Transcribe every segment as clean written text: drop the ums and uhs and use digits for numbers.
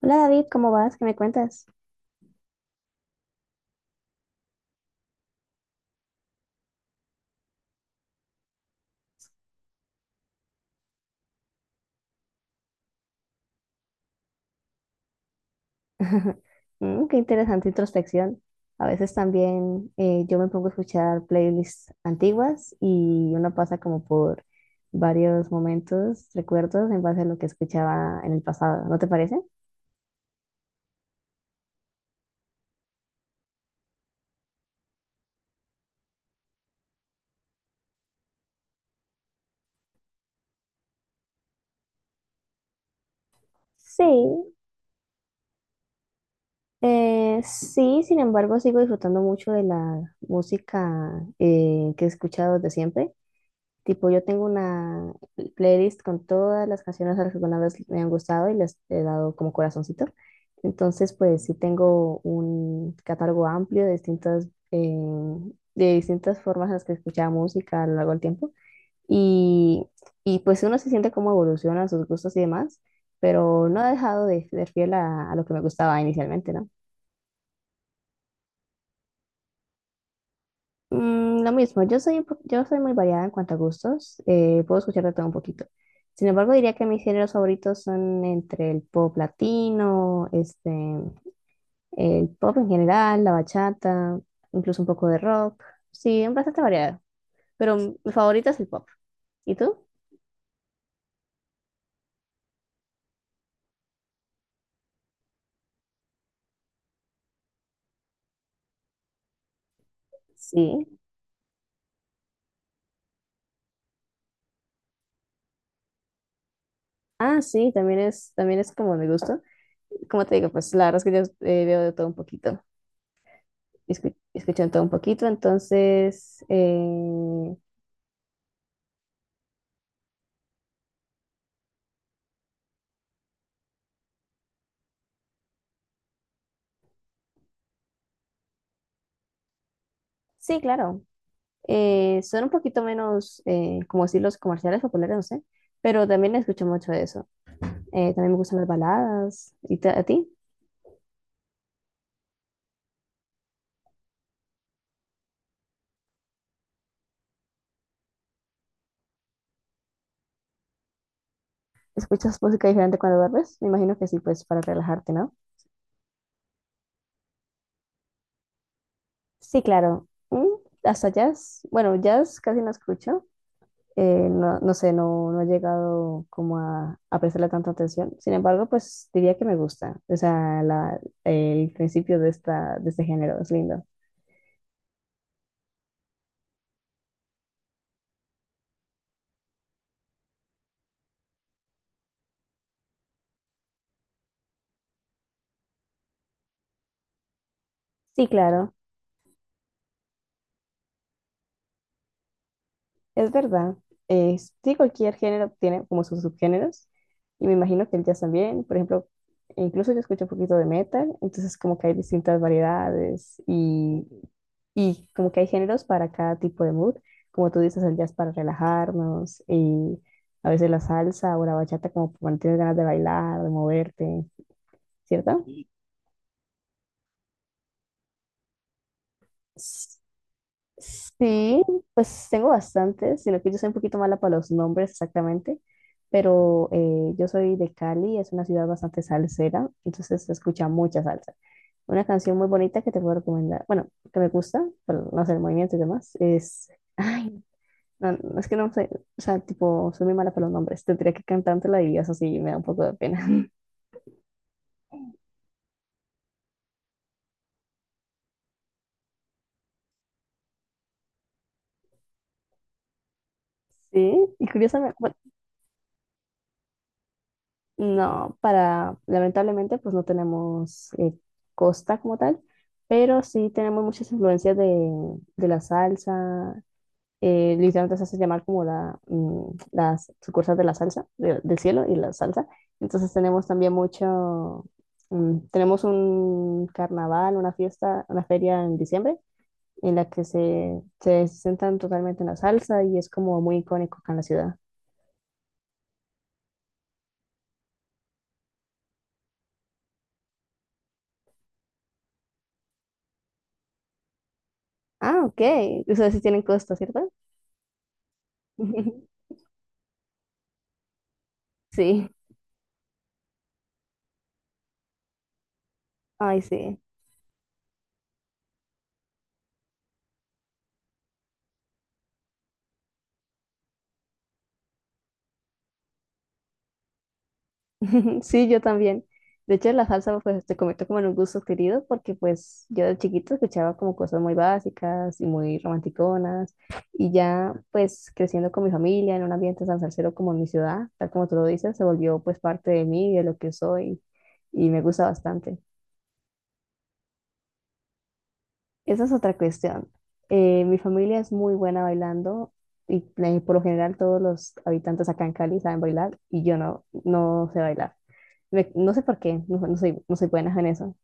Hola David, ¿cómo vas? ¿Qué me cuentas? Mm, qué interesante introspección. A veces también yo me pongo a escuchar playlists antiguas y uno pasa como por varios momentos, recuerdos en base a lo que escuchaba en el pasado, ¿no te parece? Sí, sí, sin embargo sigo disfrutando mucho de la música que he escuchado desde siempre. Tipo, yo tengo una playlist con todas las canciones a las que alguna vez me han gustado y les he dado como corazoncito. Entonces, pues sí tengo un catálogo amplio de distintas formas en las que escuchaba música a lo largo del tiempo. Y, pues uno se siente como evoluciona sus gustos y demás, pero no ha dejado de ser fiel a lo que me gustaba inicialmente, ¿no? Mm, lo mismo. Yo soy, yo soy muy variada en cuanto a gustos, puedo escuchar de todo un poquito. Sin embargo, diría que mis géneros favoritos son entre el pop latino, este, el pop en general, la bachata, incluso un poco de rock. Sí, bastante variado, pero mi favorita es el pop. ¿Y tú? Sí. Ah, sí, también es como mi gusto. Como te digo, pues la verdad es que yo veo de todo un poquito, escucho de todo un poquito, entonces... sí, claro. Son un poquito menos, como decir, los comerciales populares, no sé, pero también escucho mucho de eso. También me gustan las baladas. ¿Y a ti? ¿Escuchas música diferente cuando duermes? Me imagino que sí, pues para relajarte, ¿no? Sí, claro. Mm, hasta jazz. Bueno, jazz casi no escucho, no, no sé, no he llegado como a prestarle tanta atención. Sin embargo, pues diría que me gusta. O sea, la, el principio de esta, de este género es lindo. Sí, claro. Es verdad. Eh, sí, cualquier género tiene como sus subgéneros. Y me imagino que el jazz también. Por ejemplo, incluso yo escucho un poquito de metal. Entonces como que hay distintas variedades y como que hay géneros para cada tipo de mood. Como tú dices, el jazz para relajarnos y a veces la salsa o la bachata como cuando tienes ganas de bailar, de moverte, ¿cierto? Sí, pues tengo bastantes, sino que yo soy un poquito mala para los nombres exactamente, pero yo soy de Cali, es una ciudad bastante salsera, entonces se escucha mucha salsa. Una canción muy bonita que te puedo recomendar, bueno, que me gusta, pero no sé, el movimiento y demás, es, ay, no, no, es que no sé, o sea, tipo, soy muy mala para los nombres, tendría que cantártela y eso sí me da un poco de pena. Sí, y curiosamente, no, para, lamentablemente, pues no tenemos costa como tal, pero sí tenemos muchas influencias de la salsa. Literalmente se hace llamar como la, mm, las sucursales de la salsa, del cielo y la salsa. Entonces tenemos también mucho, mm, tenemos un carnaval, una fiesta, una feria en diciembre, en la que se centran totalmente en la salsa y es como muy icónico acá en la ciudad. Ah, ok. Ustedes sí tienen costa, ¿cierto? Sí. Ay, sí. Sí, yo también. De hecho, la salsa, pues, te comento como en un gusto querido, porque, pues, yo de chiquito escuchaba como cosas muy básicas y muy romanticonas, y ya, pues, creciendo con mi familia en un ambiente tan salsero como en mi ciudad, tal como tú lo dices, se volvió, pues, parte de mí, de lo que soy, y me gusta bastante. Esa es otra cuestión. Mi familia es muy buena bailando, y por lo general todos los habitantes acá en Cali saben bailar, y yo no, no sé bailar. No sé por qué, no, no soy buena en eso.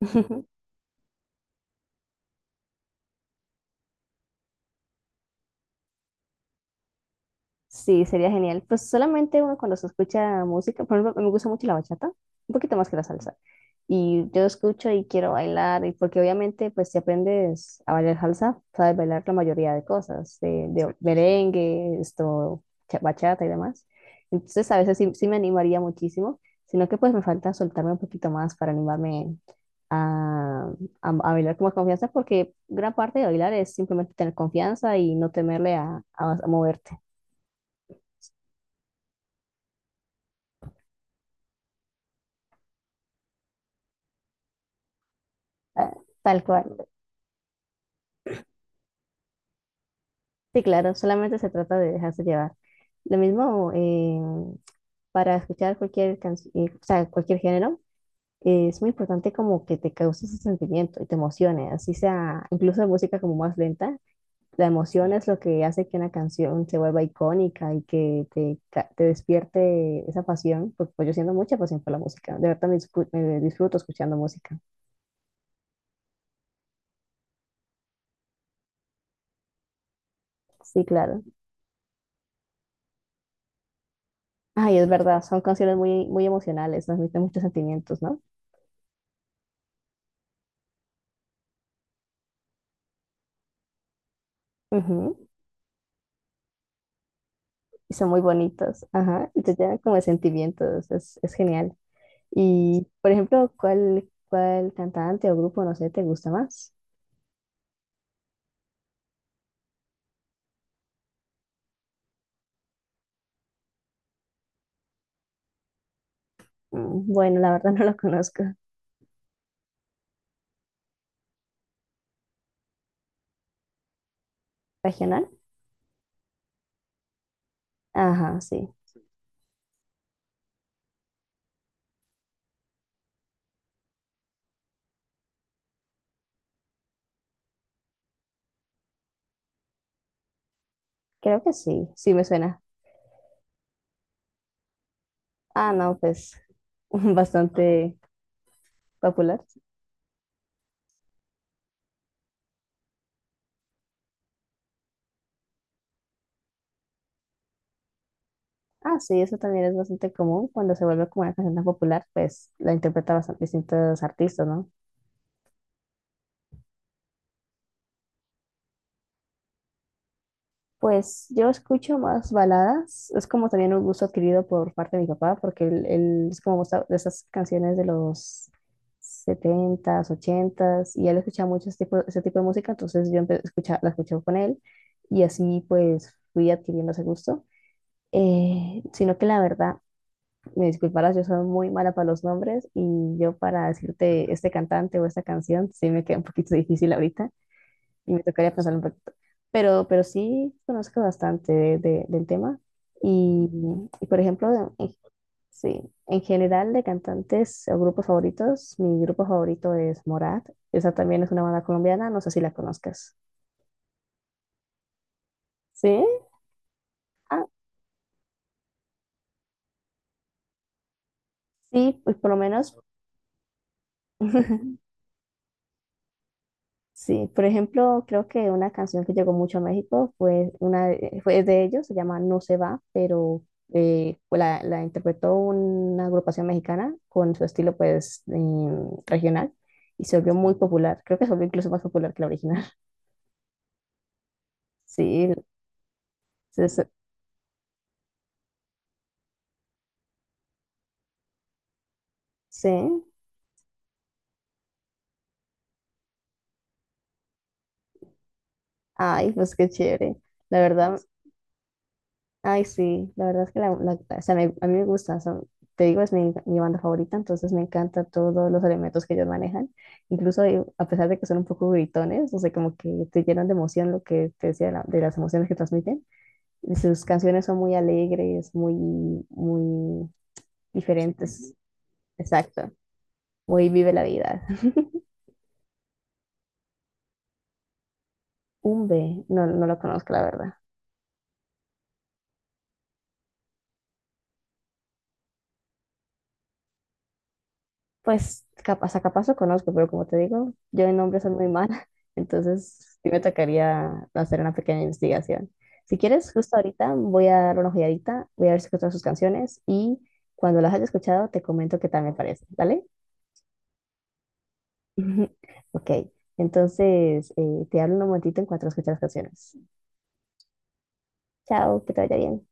Sí, sería genial. Pues solamente uno cuando se escucha música, por ejemplo, me gusta mucho la bachata, un poquito más que la salsa. Y yo escucho y quiero bailar, y porque obviamente, pues si aprendes a bailar salsa, sabes bailar la mayoría de cosas, de merengue, esto, bachata y demás. Entonces, a veces sí, sí me animaría muchísimo, sino que pues me falta soltarme un poquito más para animarme a, a bailar con más confianza, porque gran parte de bailar es simplemente tener confianza y no temerle a moverte. Ah, tal cual. Sí, claro, solamente se trata de dejarse llevar. Lo mismo, para escuchar cualquier canción, o sea, cualquier género, es muy importante como que te cause ese sentimiento y te emocione, así sea, incluso música como más lenta, la emoción es lo que hace que una canción se vuelva icónica y que te, te despierte esa pasión, porque pues, yo siento mucha pasión por la música, de verdad me, me disfruto escuchando música. Sí, claro. Ay, es verdad, son canciones muy, muy emocionales, transmiten muchos sentimientos, ¿no? Ujú, y son muy bonitos, ajá, y te llenan como de sentimientos, es genial. Y, por ejemplo, ¿cuál, cuál cantante o grupo, no sé, te gusta más? Mm, bueno, la verdad no lo conozco. ¿Regional? Ajá, sí, creo que sí, sí me suena. Ah, no, pues bastante popular. Ah, sí, eso también es bastante común cuando se vuelve como una canción tan popular, pues la interpreta bastante distintos artistas, ¿no? Pues yo escucho más baladas, es como también un gusto adquirido por parte de mi papá, porque él es como gusta de esas canciones de los setentas, ochentas y él escuchaba mucho ese tipo de música, entonces yo la escuchaba con él y así pues fui adquiriendo ese gusto. Sino que la verdad, me disculparás, yo soy muy mala para los nombres y yo para decirte este cantante o esta canción, sí me queda un poquito difícil ahorita y me tocaría pensar un poquito. Pero sí conozco bastante del tema. Y, por ejemplo, sí, en general de cantantes o grupos favoritos, mi grupo favorito es Morat. Esa también es una banda colombiana, no sé si la conozcas. ¿Sí? Ah, sí, pues por lo menos. Sí, por ejemplo, creo que una canción que llegó mucho a México fue fue de ellos, se llama No se va, pero pues la interpretó una agrupación mexicana con su estilo pues regional y se volvió muy popular. Creo que se volvió incluso más popular que la original. Sí, se- se- sí. Ay, pues qué chévere. La verdad, ay, sí, la verdad es que la, o sea, a mí me gusta, o te digo, es mi banda favorita, entonces me encanta todos los elementos que ellos manejan, incluso a pesar de que son un poco gritones, no sé, como que te llenan de emoción lo que te decía, de, de las emociones que transmiten, y sus canciones son muy alegres, muy, muy diferentes, exacto, muy vive la vida. Umbe, no, no lo conozco, la verdad. Pues capaz, a capaz lo conozco, pero como te digo, yo en nombres soy muy mala, entonces sí me tocaría hacer una pequeña investigación. Si quieres, justo ahorita voy a dar una ojeadita, voy a ver si escucho sus canciones y cuando las haya escuchado te comento qué tal me parece, ¿vale? Ok, entonces te hablo un momentito en cuanto escuche las canciones. Chao, que te vaya bien.